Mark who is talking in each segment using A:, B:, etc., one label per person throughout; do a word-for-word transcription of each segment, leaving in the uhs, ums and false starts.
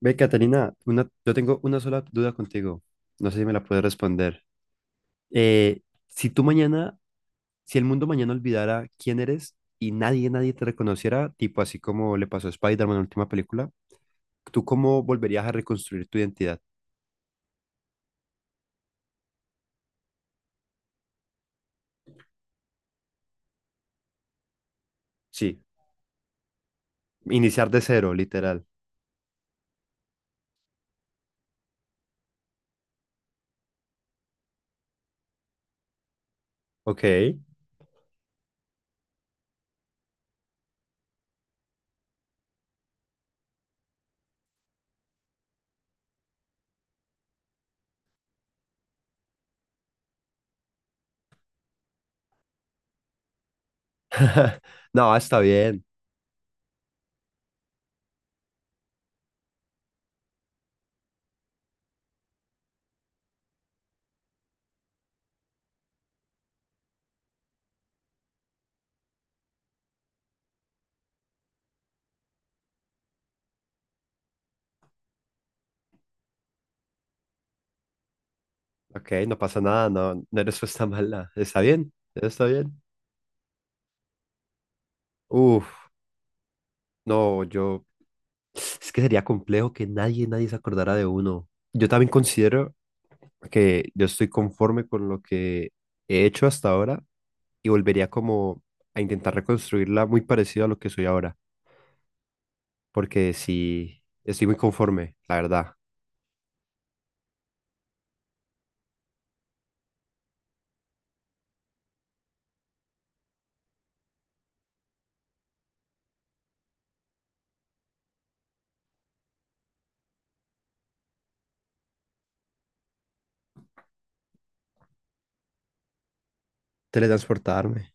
A: Ve, Catalina, una, yo tengo una sola duda contigo. No sé si me la puedes responder. Eh, si tú mañana, si el mundo mañana olvidara quién eres y nadie, nadie te reconociera, tipo así como le pasó a Spider-Man en la última película, ¿tú cómo volverías a reconstruir tu identidad? Sí, iniciar de cero, literal. Ok. No, está bien. Ok, no pasa nada, no, no eres pues tan mala. Está bien, está bien. Uf, no, yo... Es que sería complejo que nadie, nadie se acordara de uno. Yo también considero que yo estoy conforme con lo que he hecho hasta ahora y volvería como a intentar reconstruirla muy parecida a lo que soy ahora, porque sí, estoy muy conforme, la verdad. Teletransportarme.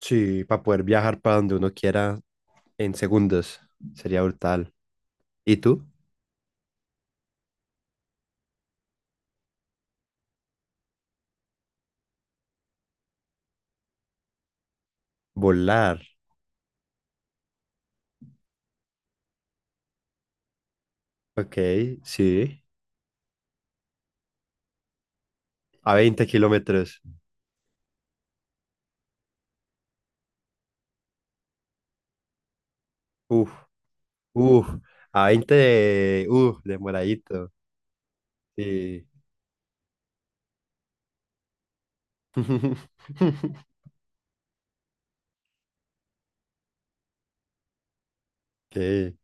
A: Sí, para poder viajar para donde uno quiera en segundos sería brutal. ¿Y tú? Volar. Ok, sí. A veinte kilómetros. Uf, uf. A veinte de- uf, demoradito. Sí. Ok.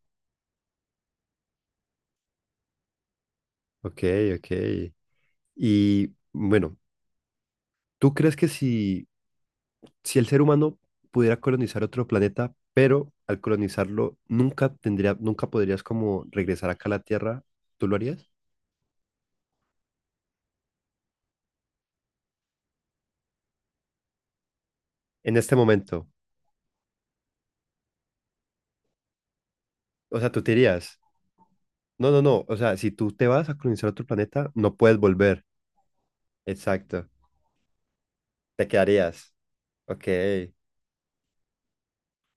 A: Ok, ok. Y bueno, ¿tú crees que si, si el ser humano pudiera colonizar otro planeta, pero al colonizarlo nunca tendría, nunca podrías como regresar acá a la Tierra, ¿tú lo harías? En este momento. O sea, tú te irías. No, no, no. O sea, si tú te vas a colonizar otro planeta, no puedes volver. Exacto. Te quedarías. Ok.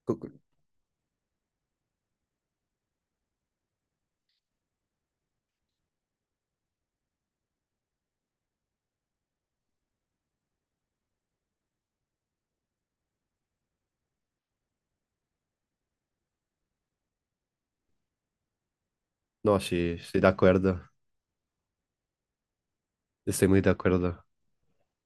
A: Cu- cu- No, sí, estoy de acuerdo. Estoy muy de acuerdo.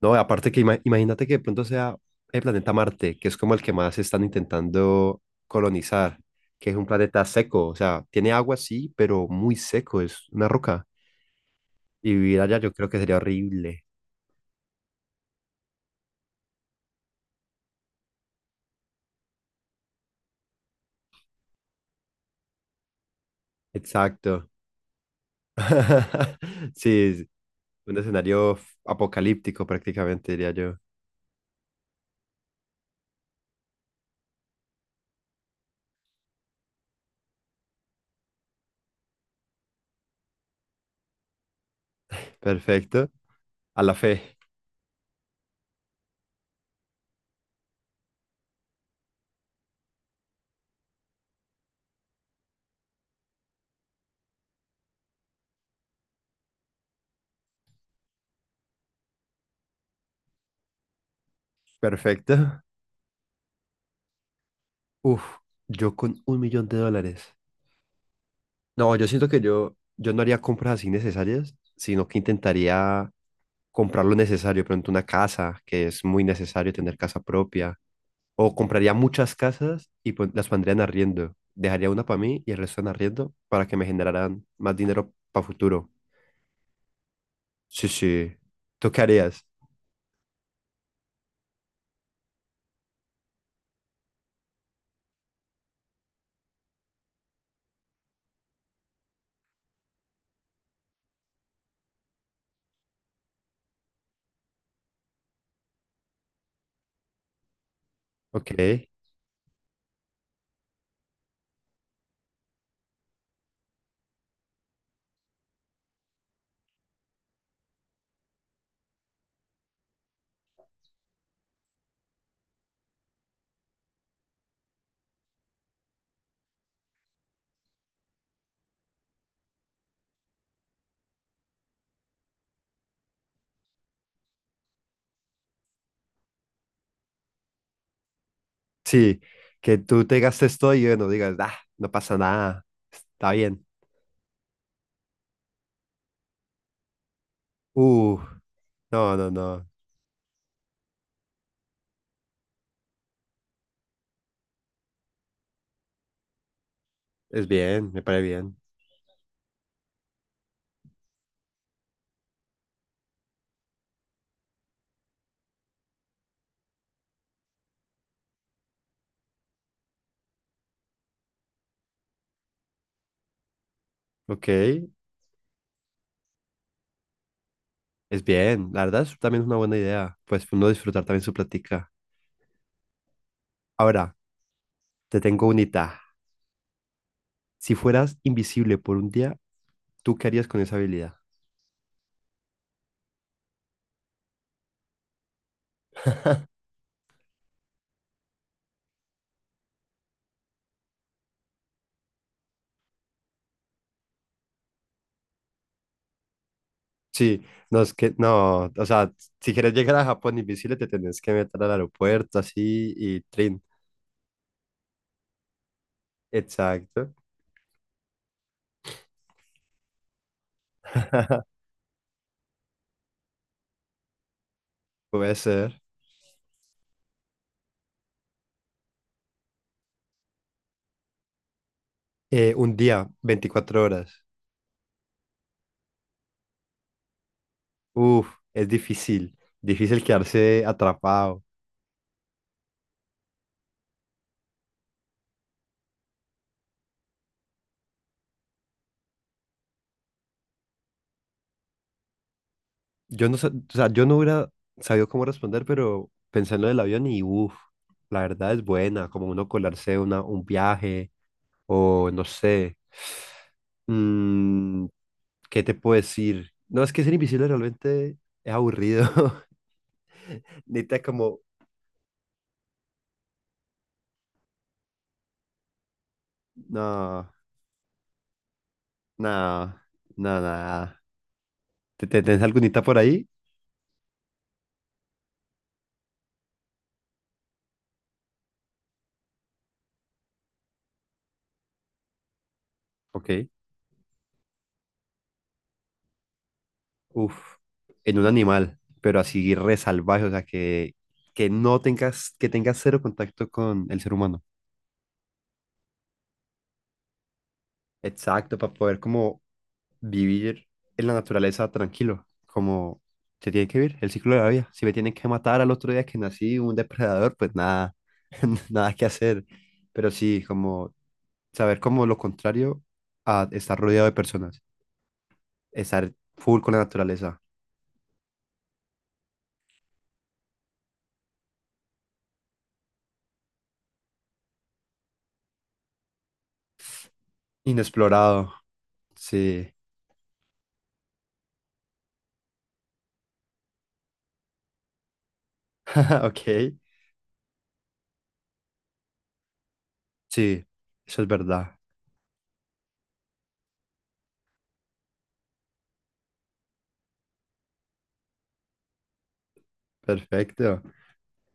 A: No, aparte que ima- imagínate que de pronto sea el planeta Marte, que es como el que más están intentando colonizar, que es un planeta seco, o sea, tiene agua sí, pero muy seco, es una roca. Y vivir allá yo creo que sería horrible. Exacto. Sí, es un escenario apocalíptico prácticamente, diría yo. Perfecto. A la fe. Perfecto. Uf, yo con un millón de dólares. No, yo siento que yo, yo no haría compras así necesarias, sino que intentaría comprar lo necesario, pronto una casa, que es muy necesario tener casa propia, o compraría muchas casas y pon- las pondría en arriendo. Dejaría una para mí y el resto en arriendo para que me generaran más dinero para futuro. Sí, sí. ¿Tú qué harías? Ok. Sí, que tú te gastes todo y bueno, digas, ah, no pasa nada, está bien. Uh, no, no, no, es bien, me parece bien. Ok, Es bien, la verdad es también es una buena idea, pues uno disfrutar también su plática. Ahora, te tengo unita. Si fueras invisible por un día, ¿tú qué harías con esa habilidad? Sí, no es que, no, o sea, si quieres llegar a Japón invisible, te tenés que meter al aeropuerto así y trin. Exacto. Puede ser. Eh, un día, veinticuatro horas. Uf, es difícil, difícil quedarse atrapado. Yo no, sa- o sea, yo no hubiera sabido cómo responder, pero pensé en lo del avión y uff, la verdad es buena, como uno colarse una, un viaje o no sé. Mm, ¿qué te puedo decir? No, es que ser invisible realmente es aburrido. Necesitas como, no, no, no, nada. ¿Te, te, tenés algunita por ahí? Ok. Uf, en un animal, pero así re salvaje, o sea, que, que no tengas, que tengas cero contacto con el ser humano. Exacto, para poder como vivir en la naturaleza tranquilo, como se tiene que vivir el ciclo de la vida. Si me tienen que matar al otro día que nací un depredador, pues nada, nada que hacer. Pero sí, como saber como lo contrario a estar rodeado de personas, estar full con la naturaleza, inexplorado. Sí, ok, sí, eso es verdad. Perfecto.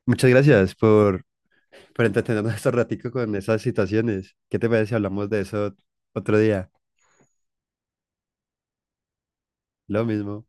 A: Muchas gracias por Pero entretenernos estos raticos con esas situaciones. ¿Qué te parece si hablamos de eso otro día? Lo mismo.